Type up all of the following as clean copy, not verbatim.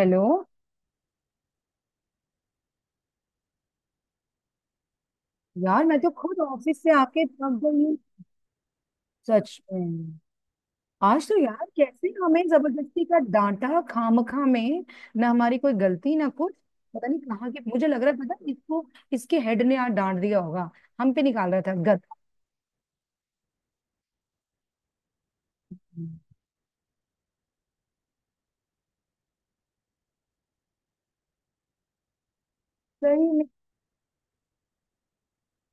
Hello. यार मैं तो खुद ऑफिस से आके थक गई हूँ। सच में। आज तो यार कैसे हमें जबरदस्ती का डांटा खामखा में। ना हमारी कोई गलती ना कुछ। पता नहीं कहाँ के मुझे लग रहा है पता है इसको, इसके हेड ने आज डांट दिया होगा। हम पे निकाल रहा था गधा। सही में।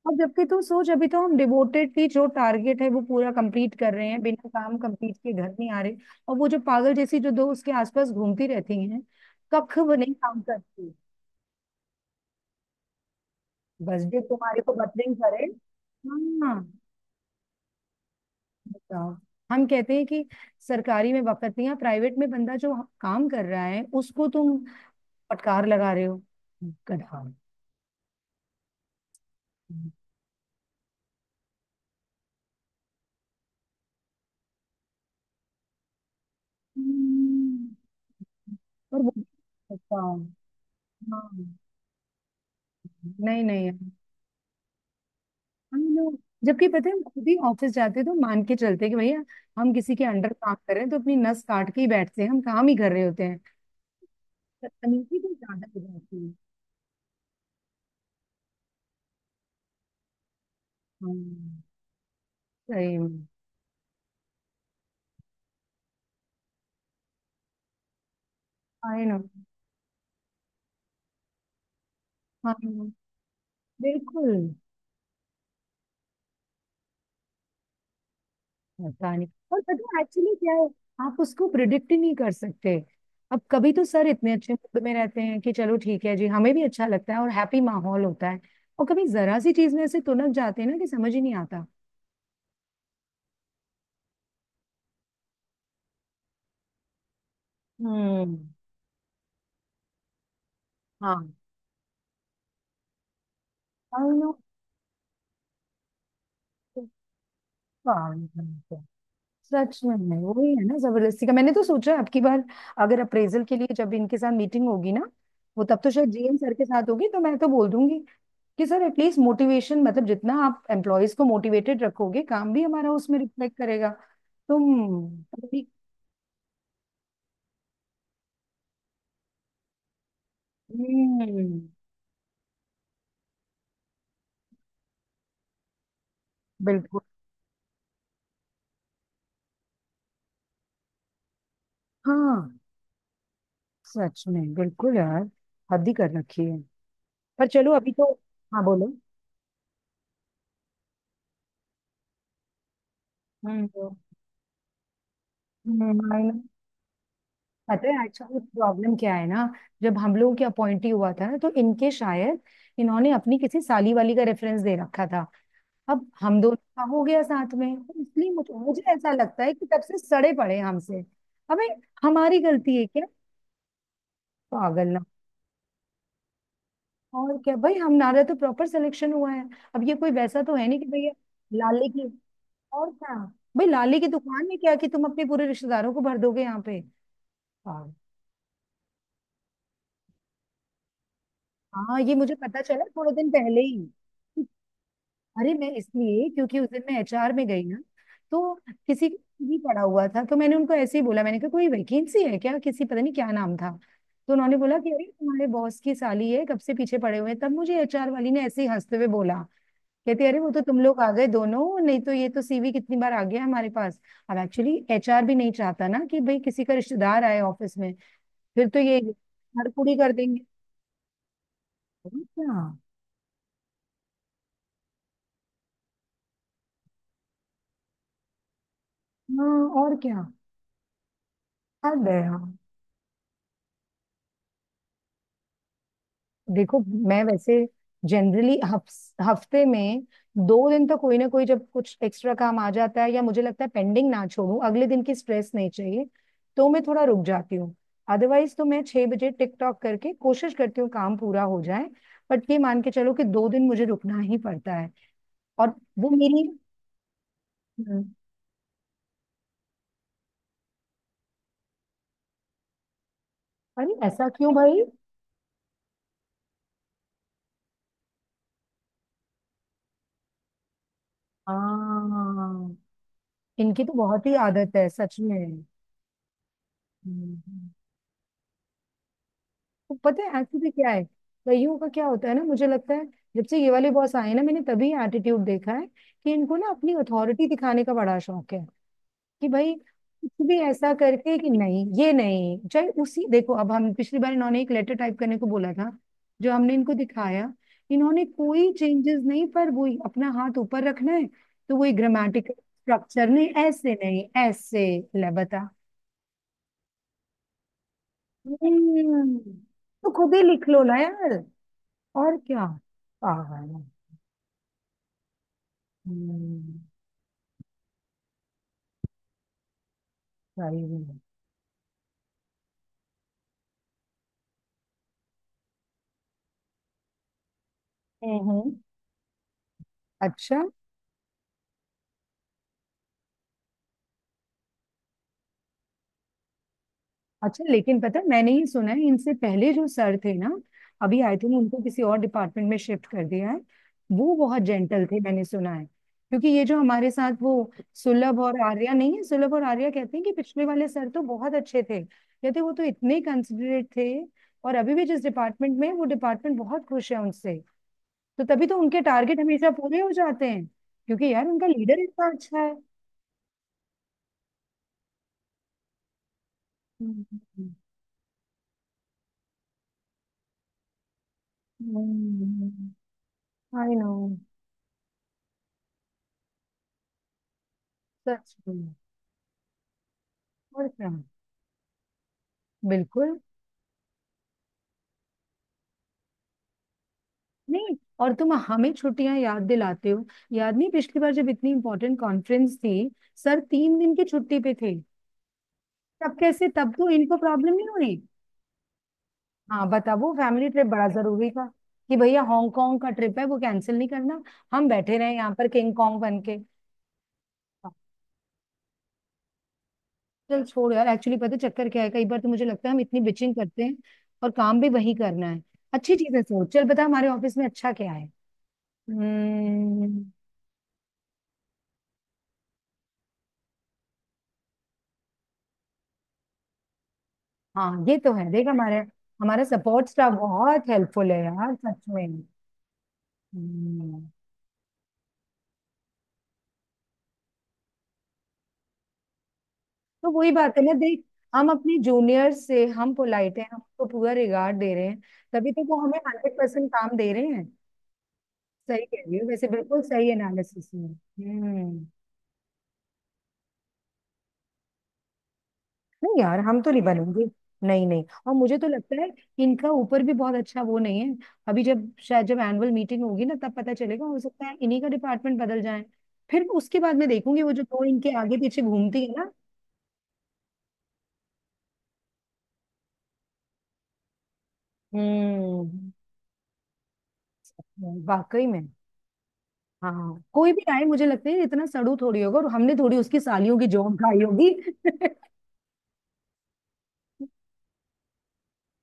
और जबकि तू सोच अभी तो हम डिवोटेडली जो टारगेट है वो पूरा कंप्लीट कर रहे हैं, बिना काम कंप्लीट के घर नहीं आ रहे। और वो जो पागल जैसी जो दो उसके आसपास घूमती रहती हैं, कख भी नहीं काम करती। बजट तुम्हारे को बदलिंग करे। हाँ, बताओ। हम कहते हैं कि सरकारी में बकतियां, प्राइवेट में बंदा जो काम कर रहा है उसको तुम फटकार लगा रहे हो गधा। हम्म, और वो बताओ। हाँ, नहीं नहीं। हम लोग जबकि पता है हम खुद ही ऑफिस जाते हैं तो मान के चलते हैं कि भैया हम किसी के अंडर काम कर रहे हैं तो अपनी नस काट के ही बैठते हैं, हम काम ही कर रहे होते हैं। तकनीकी तो ज्यादा हो जाती है। हाँ, सही में। I know. हाँ, बिल्कुल। पता नहीं। और पता है एक्चुअली क्या है, आप उसको प्रिडिक्ट ही नहीं कर सकते। अब कभी तो सर इतने अच्छे मूड में रहते हैं कि चलो ठीक है जी, हमें भी अच्छा लगता है और हैप्पी माहौल होता है। और कभी जरा सी चीज में ऐसे तुनक जाते हैं ना कि समझ ही नहीं आता। हम्म। हाँ, आई नो। सच में वही है ना जबरदस्ती का। मैंने तो सोचा है, अब की बार अगर अप्रेजल के लिए जब इनके साथ मीटिंग होगी ना, वो तब तो शायद जीएम सर के साथ होगी तो मैं तो बोल दूंगी कि सर एटलीस्ट मोटिवेशन, मतलब जितना आप एम्प्लॉयज को मोटिवेटेड रखोगे काम भी हमारा उसमें रिफ्लेक्ट करेगा। तुम। हम्म। बिल्कुल। हाँ, सच में बिल्कुल यार। हद ही कर रखी है। पर चलो अभी तो। हाँ, बोलो। हम्म, तो, I know. पता है एक्चुअली प्रॉब्लम क्या है ना, जब हम लोगों की अपॉइंटी हुआ था ना तो इनके शायद इन्होंने अपनी किसी साली वाली का रेफरेंस दे रखा था। अब हम दोनों का हो गया साथ में तो इसलिए मुझे मुझे ऐसा लगता है कि तब से सड़े पड़े हैं हमसे। अबे, हमारी गलती है क्या? पागल ना। और क्या भाई, हमारा तो प्रॉपर सिलेक्शन हुआ है। अब ये कोई वैसा तो है नहीं कि भैया लाले की। और क्या भाई, लाले की दुकान में क्या कि तुम अपने पूरे रिश्तेदारों को भर दोगे यहाँ पे? पागल। हाँ, ये मुझे पता चला थोड़े दिन पहले ही। अरे मैं इसलिए क्योंकि उस दिन मैं एचआर में गई ना, तो किसी भी पड़ा हुआ था तो मैंने उनको ऐसे ही बोला, मैंने कहा कोई वैकेंसी है क्या? किसी, पता नहीं क्या नाम था। तो उन्होंने बोला कि अरे तुम्हारे बॉस की साली है, कब से पीछे पड़े हुए हैं। तब मुझे एचआर वाली ने ऐसे ही हंसते हुए बोला, कहती अरे वो तो तुम लोग आ गए दोनों, नहीं तो ये तो सीवी कितनी बार आ गया हमारे पास। अब एक्चुअली एचआर भी नहीं चाहता ना कि भाई किसी का रिश्तेदार आए ऑफिस में, फिर तो ये हड़पुड़ी कर देंगे। और क्या। हाँ, और क्या। हद है। हाँ। देखो, मैं वैसे जनरली हफ्ते में दो दिन तो कोई ना कोई, जब कुछ एक्स्ट्रा काम आ जाता है या मुझे लगता है पेंडिंग ना छोड़ूं, अगले दिन की स्ट्रेस नहीं चाहिए, तो मैं थोड़ा रुक जाती हूँ। अदरवाइज तो मैं 6 बजे टिकटॉक करके कोशिश करती हूँ काम पूरा हो जाए। बट ये मान के चलो कि दो दिन मुझे रुकना ही पड़ता है। और वो मेरी। हम्म, अरे ऐसा क्यों भाई? हाँ, इनकी तो बहुत ही आदत है सच में। हम्म। तो पता है एक्चुअली क्या है, कईयों का क्या होता है ना, मुझे लगता है जब से ये वाले बॉस आए ना, मैंने तभी एटीट्यूड देखा है कि इनको ना अपनी अथॉरिटी दिखाने का बड़ा शौक है। कि भाई कुछ भी ऐसा करके कि नहीं ये नहीं चाहे, उसी देखो अब हम पिछली बार इन्होंने एक लेटर टाइप करने को बोला था, जो हमने इनको दिखाया। इन्होंने कोई चेंजेस नहीं, पर वही अपना हाथ ऊपर रखना है। तो वही, ग्रामेटिकल स्ट्रक्चर नहीं, ऐसे नहीं ऐसे। ले बता। हम्म, तो खुद ही लिख लो ना यार। और क्या, पागल है। हम्म, सही में। हम्म। अच्छा। अच्छा लेकिन पता है, मैंने ये सुना है इनसे पहले जो सर थे ना, अभी आई थिंक उनको किसी और डिपार्टमेंट में शिफ्ट कर दिया है। वो बहुत जेंटल थे, मैंने सुना है। क्योंकि ये जो हमारे साथ वो, सुलभ और आर्या नहीं है, सुलभ और आर्या कहते हैं कि पिछले वाले सर तो बहुत अच्छे थे। कहते वो तो इतने कंसिडरेट थे। और अभी भी जिस डिपार्टमेंट में है, वो डिपार्टमेंट बहुत खुश है उनसे। तो तभी तो उनके टारगेट हमेशा पूरे हो जाते हैं, क्योंकि यार उनका लीडर इतना अच्छा है। I know. सच में। और क्या। बिल्कुल। नहीं, और तुम हमें छुट्टियां याद दिलाते हो? याद नहीं पिछली बार जब इतनी इंपॉर्टेंट कॉन्फ्रेंस थी, सर 3 दिन की छुट्टी पे थे? तब कैसे, तब तो इनको प्रॉब्लम नहीं हुई। हाँ बता, वो फैमिली ट्रिप बड़ा जरूरी था कि भैया हांगकांग का ट्रिप है वो कैंसिल नहीं करना। हम बैठे रहे यहाँ पर किंग कॉन्ग बन के। चल छोड़ यार। एक्चुअली पता है चक्कर क्या है, कई बार तो मुझे लगता है हम इतनी बिचिंग करते हैं और काम भी वही करना है। अच्छी चीजें सोच चल, पता है हमारे ऑफिस में अच्छा क्या है? हम्म। हाँ, ये तो है। देख हमारे, हमारा सपोर्ट स्टाफ बहुत हेल्पफुल है यार, सच में। हम्म, तो वही बात है ना देख, हम अपने जूनियर से हम पोलाइट हैं, हम उनको पूरा रिगार्ड दे रहे हैं, तभी तो वो हमें 100% काम दे रहे हैं। सही कह रही हो वैसे, बिल्कुल सही एनालिसिस है। हम्म। नहीं यार, हम तो नहीं बनेंगे। नहीं नहीं, और मुझे तो लगता है इनका ऊपर भी बहुत अच्छा वो नहीं है। अभी जब शायद जब एनुअल मीटिंग होगी ना, तब पता चलेगा। हो सकता है इन्हीं का डिपार्टमेंट बदल जाए। फिर उसके बाद मैं देखूंगी वो जो दो इनके आगे पीछे घूमती है ना। हम्म। वाकई में। हाँ, कोई भी आए मुझे लगता है इतना सड़ू थोड़ी होगा, और हमने थोड़ी उसकी सालियों की जॉब खाई होगी।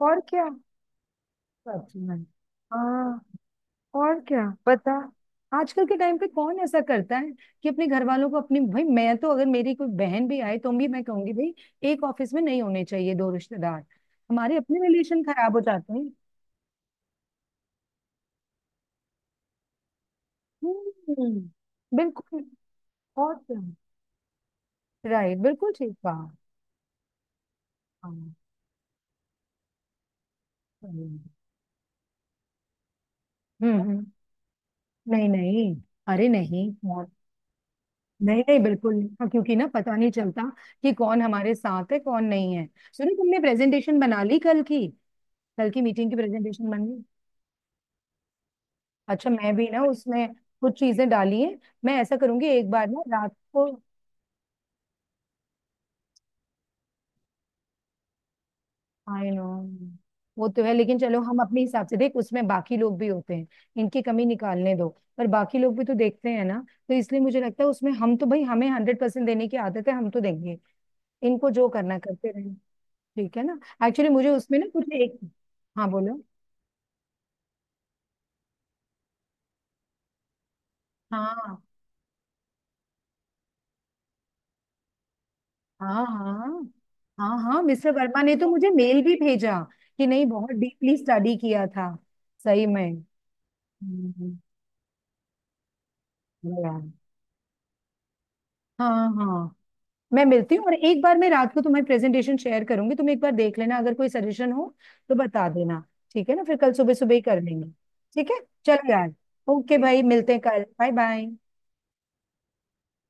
और क्या। सच में। हाँ। और क्या पता, आजकल के टाइम पे कौन ऐसा करता है कि अपने घर वालों को अपनी, भाई मैं तो अगर मेरी कोई बहन भी आए तो भी मैं कहूंगी भाई, एक ऑफिस में नहीं होने चाहिए दो रिश्तेदार। हमारे अपने रिलेशन खराब हो जाते हैं। हम्म। बिल्कुल। और क्या। राइट, बिल्कुल ठीक कहा। हाँ, हम्म। हम्म, नहीं नहीं। अरे नहीं, बहुत नहीं नहीं, बिल्कुल नहीं। हाँ, क्योंकि ना पता नहीं चलता कि कौन हमारे साथ है कौन नहीं है। सुनो, तुमने प्रेजेंटेशन बना ली कल की? कल की मीटिंग की प्रेजेंटेशन बन? अच्छा, मैं भी ना उसमें कुछ चीजें डाली हैं। मैं ऐसा करूंगी एक बार ना रात को। I know. वो तो है लेकिन चलो हम अपने हिसाब से देख, उसमें बाकी लोग भी होते हैं। इनकी कमी निकालने दो, पर बाकी लोग भी तो देखते हैं ना। तो इसलिए मुझे लगता है उसमें हम तो भाई, हमें हंड्रेड परसेंट देने की आदत है, हम तो देंगे। इनको जो करना करते रहे। ठीक है ना। एक्चुअली मुझे उसमें ना कुछ एक। हाँ बोलो। हाँ हाँ हाँ हाँ। हाँ मिस्टर वर्मा ने तो मुझे मेल भी भेजा कि नहीं बहुत डीपली स्टडी किया था। सही में। हम्म, यार। हाँ हाँ, मैं मिलती हूँ, और एक बार मैं रात को तुम्हारी प्रेजेंटेशन शेयर करूंगी, तुम एक बार देख लेना, अगर कोई सजेशन हो तो बता देना। ठीक है ना, फिर कल सुबह सुबह ही कर लेंगे। ठीक है, चलो यार। ओके भाई, मिलते हैं कल। Bye bye.